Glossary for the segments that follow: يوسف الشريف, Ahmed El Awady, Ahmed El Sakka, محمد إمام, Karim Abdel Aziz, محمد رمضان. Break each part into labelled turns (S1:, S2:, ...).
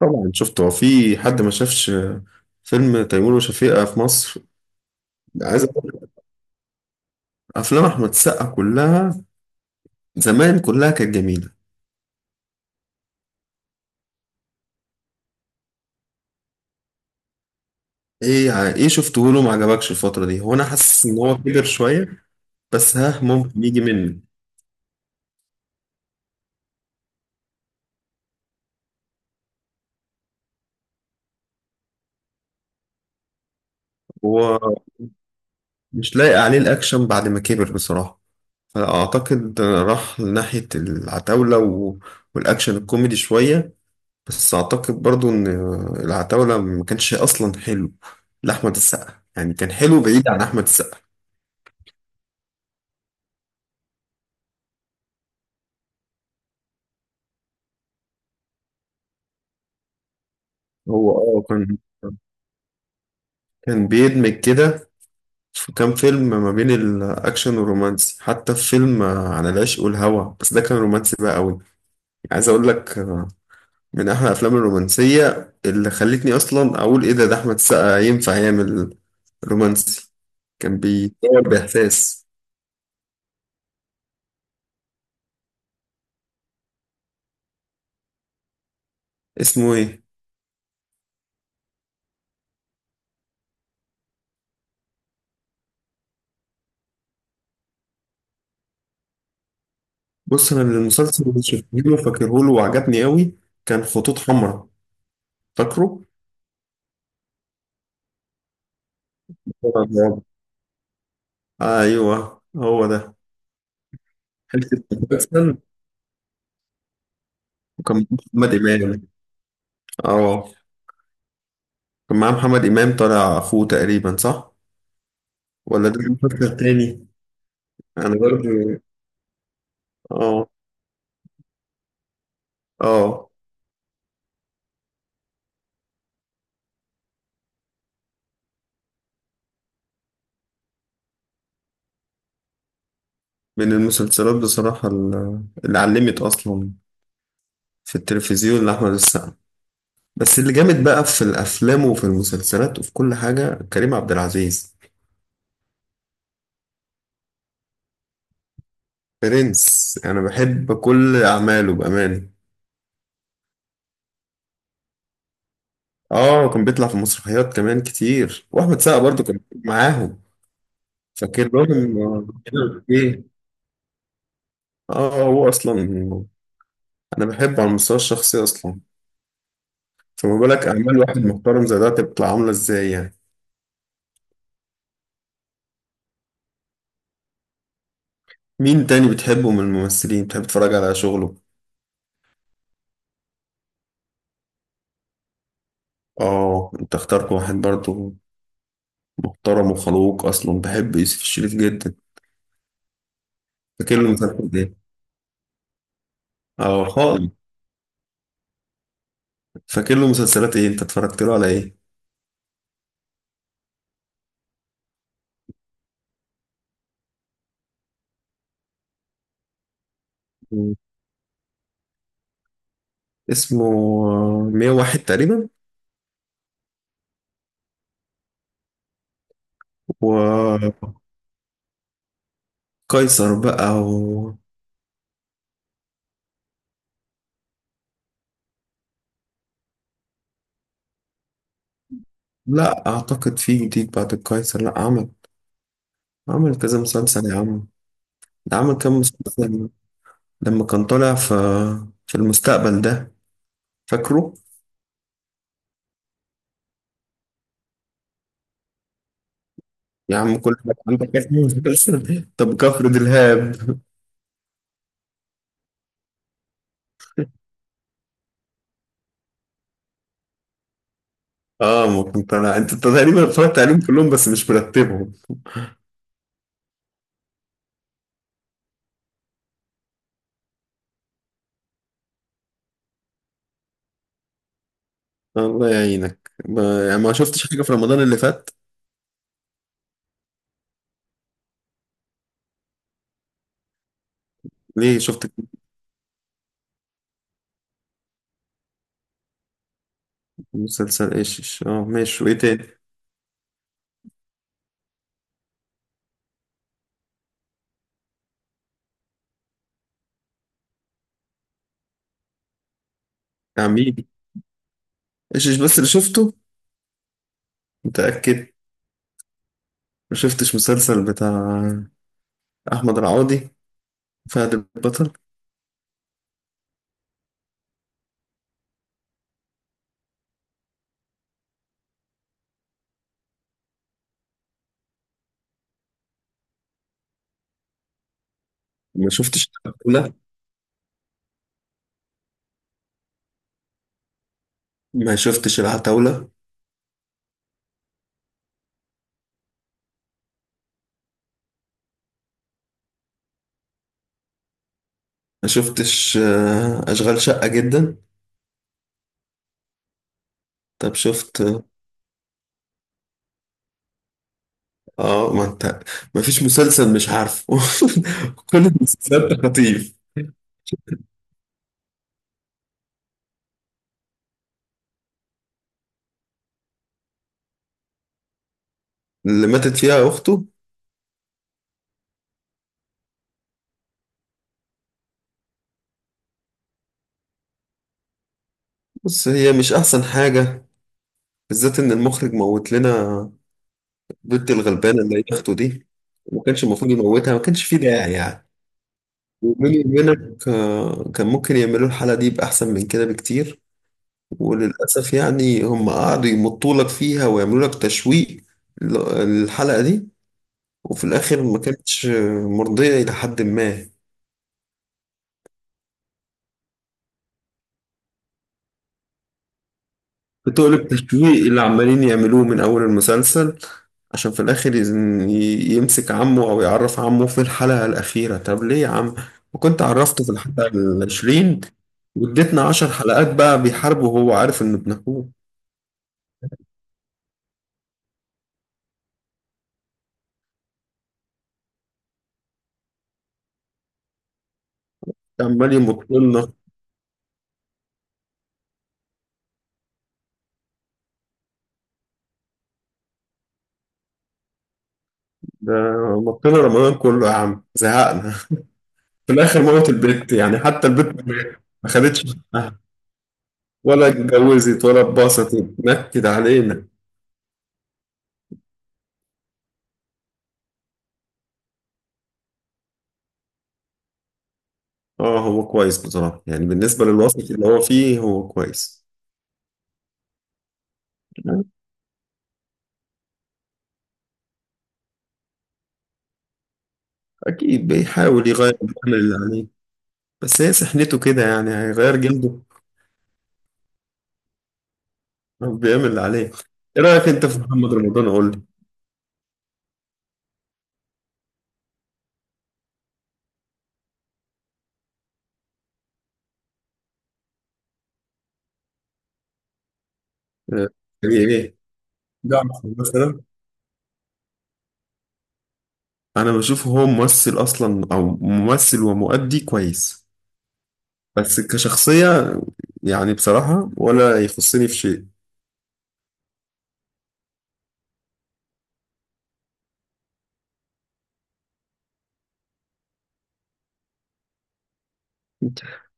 S1: طبعا شفته. هو في حد ما شافش فيلم تيمور وشفيقة في مصر. عايز أقول لك، افلام احمد السقا كلها زمان كلها كانت جميله. ايه شفته له ما عجبكش الفتره دي. هو انا حاسس ان هو كبر شويه بس ها ممكن يجي مني. هو مش لايق عليه الاكشن بعد ما كبر بصراحه. فاعتقد راح لناحيه العتاوله و- والاكشن الكوميدي شويه. بس اعتقد برضو ان العتاوله ما كانش اصلا حلو لاحمد السقا. يعني كان حلو بعيد عن احمد السقا. هو اه كان كان بيدمج كده في كام فيلم ما بين الاكشن والرومانسي. حتى في فيلم عن العشق والهوى بس ده كان رومانسي بقى قوي. عايز اقول لك من احلى الافلام الرومانسيه اللي خلتني اصلا اقول ايه ده احمد السقا ينفع يعمل رومانسي. كان بيصور باحساس. اسمه ايه؟ بص انا المسلسل اللي شفته له فاكره له وعجبني قوي. كان خطوط حمراء فاكره. طبعاً. ايوه هو ده. حته. وكان محمد إمام. اه كان معاه محمد إمام طالع أخوه تقريبا صح؟ ولا ده المسلسل التاني؟ أنا برضه. اه اه من المسلسلات بصراحة اللي علمت أصلا في التلفزيون لأحمد السقا. بس اللي جامد بقى في الأفلام وفي المسلسلات وفي كل حاجة كريم عبد العزيز. برنس. أنا بحب كل أعماله بأمان. اه كان بيطلع في مسرحيات كمان كتير وأحمد سقا برضه كان معاهم. فاكر لهم كده إيه. اه هو اصلا انا بحبه على المستوى الشخصي اصلا. فما بالك اعمال واحد محترم زي ده تبقى عامله ازاي يعني. مين تاني بتحبه من الممثلين بتحب تتفرج على شغله؟ اه انت اخترت واحد برضه محترم وخلوق اصلا. بحب يوسف الشريف جدا. فاكر له مسلسلات ايه. اه خالص. فاكر له مسلسلات ايه انت اتفرجت له على ايه؟ مم. اسمه 101 تقريبا. وقيصر بقى لا اعتقد في جديد بعد القيصر. لا عمل. عمل كذا مسلسل يا عم. ده عمل كام مسلسل لما كان طالع في المستقبل ده فاكره. يا عم كل ما كان عندك اسم مسلسل طب كفر دلهاب. اه ما كنت طالع انت تقريبا اتفرجت عليهم كلهم بس مش مرتبهم. الله يعينك ما... يعني ما شفتش حاجه في رمضان اللي فات. ليه شفت مسلسل ايشش. اه ماشي وايه تاني؟ عميل ايشش بس اللي شفته متاكد. ما شفتش مسلسل بتاع احمد العوضي فهد البطل. ما شفتش العتاولة. ما شفتش العتاولة. ما شفتش اشغال شقة جدا. طب شفت اه ما انت ما فيش مسلسل مش عارفه كل المسلسلات خطيف. اللي ماتت فيها اخته بس هي مش احسن حاجة. بالذات ان المخرج موت لنا بنت الغلبانة اللي هي اخته دي. ما كانش المفروض يموتها. ما كانش فيه داعي يعني. وبيني وبينك كان ممكن يعملوا الحلقة دي بأحسن من كده بكتير. وللأسف يعني هم قعدوا يمطوا لك فيها ويعملوا لك تشويق الحلقة دي. وفي الآخر ما كانتش مرضية إلى حد ما. بتقلب تشويق اللي عمالين يعملوه من أول المسلسل عشان في الآخر يمسك عمه أو يعرف عمه في الحلقة الأخيرة. طب ليه يا عم وكنت عرفته في الحلقة العشرين؟ واديتنا عشر حلقات بقى بيحاربه وهو عارف إنه ابن أخوه. عمال يمط لنا. ده مط لنا رمضان كله يا عم زهقنا. في الآخر موت البت. يعني حتى البت ما خدتش حقها. ولا اتجوزت ولا اتبسطت. نكد علينا. اه هو كويس بصراحة يعني بالنسبة للوسط اللي هو فيه هو كويس. أكيد بيحاول يغير بيعمل اللي عليه. بس هي سحنته كده يعني هيغير جلده. بيعمل اللي عليه. إيه رأيك أنت في محمد رمضان؟ قول لي. آه، يعني إيه ده مثلا؟ أنا بشوفه هو ممثل أصلا أو ممثل ومؤدي كويس. بس كشخصية يعني بصراحة ولا يخصني في شيء.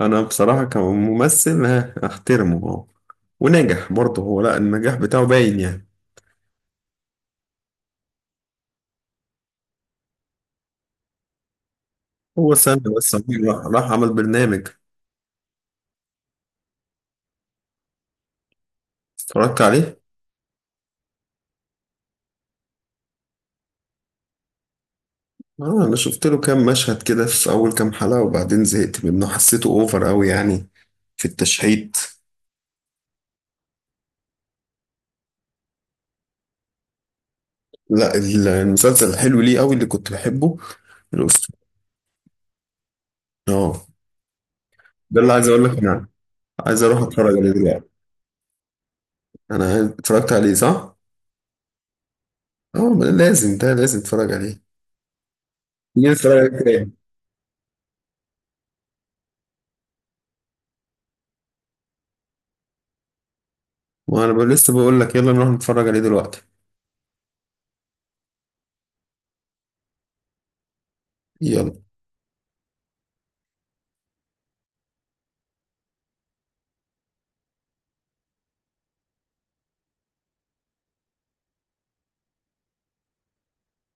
S1: أنا بصراحة كممثل أحترمه ونجح برضه هو. لا النجاح بتاعه باين يعني. هو سامي بس عميل راح عمل برنامج. اتفرجت عليه. انا شفت له كام مشهد كده في اول كام حلقة وبعدين زهقت منه حسيته اوفر قوي يعني في التشحيت. لا المسلسل الحلو ليه قوي اللي كنت بحبه. الاسطورة. اه ده اللي عايز اقول لك انا. عايز اروح اتفرج عليه دلوقتي. انا اتفرجت عليه صح؟ اه ما ده لازم. ده لازم اتفرج عليه. نيجي نتفرج عليه تاني. وانا لسه بقول لك يلا نروح نتفرج عليه دلوقتي. يلا.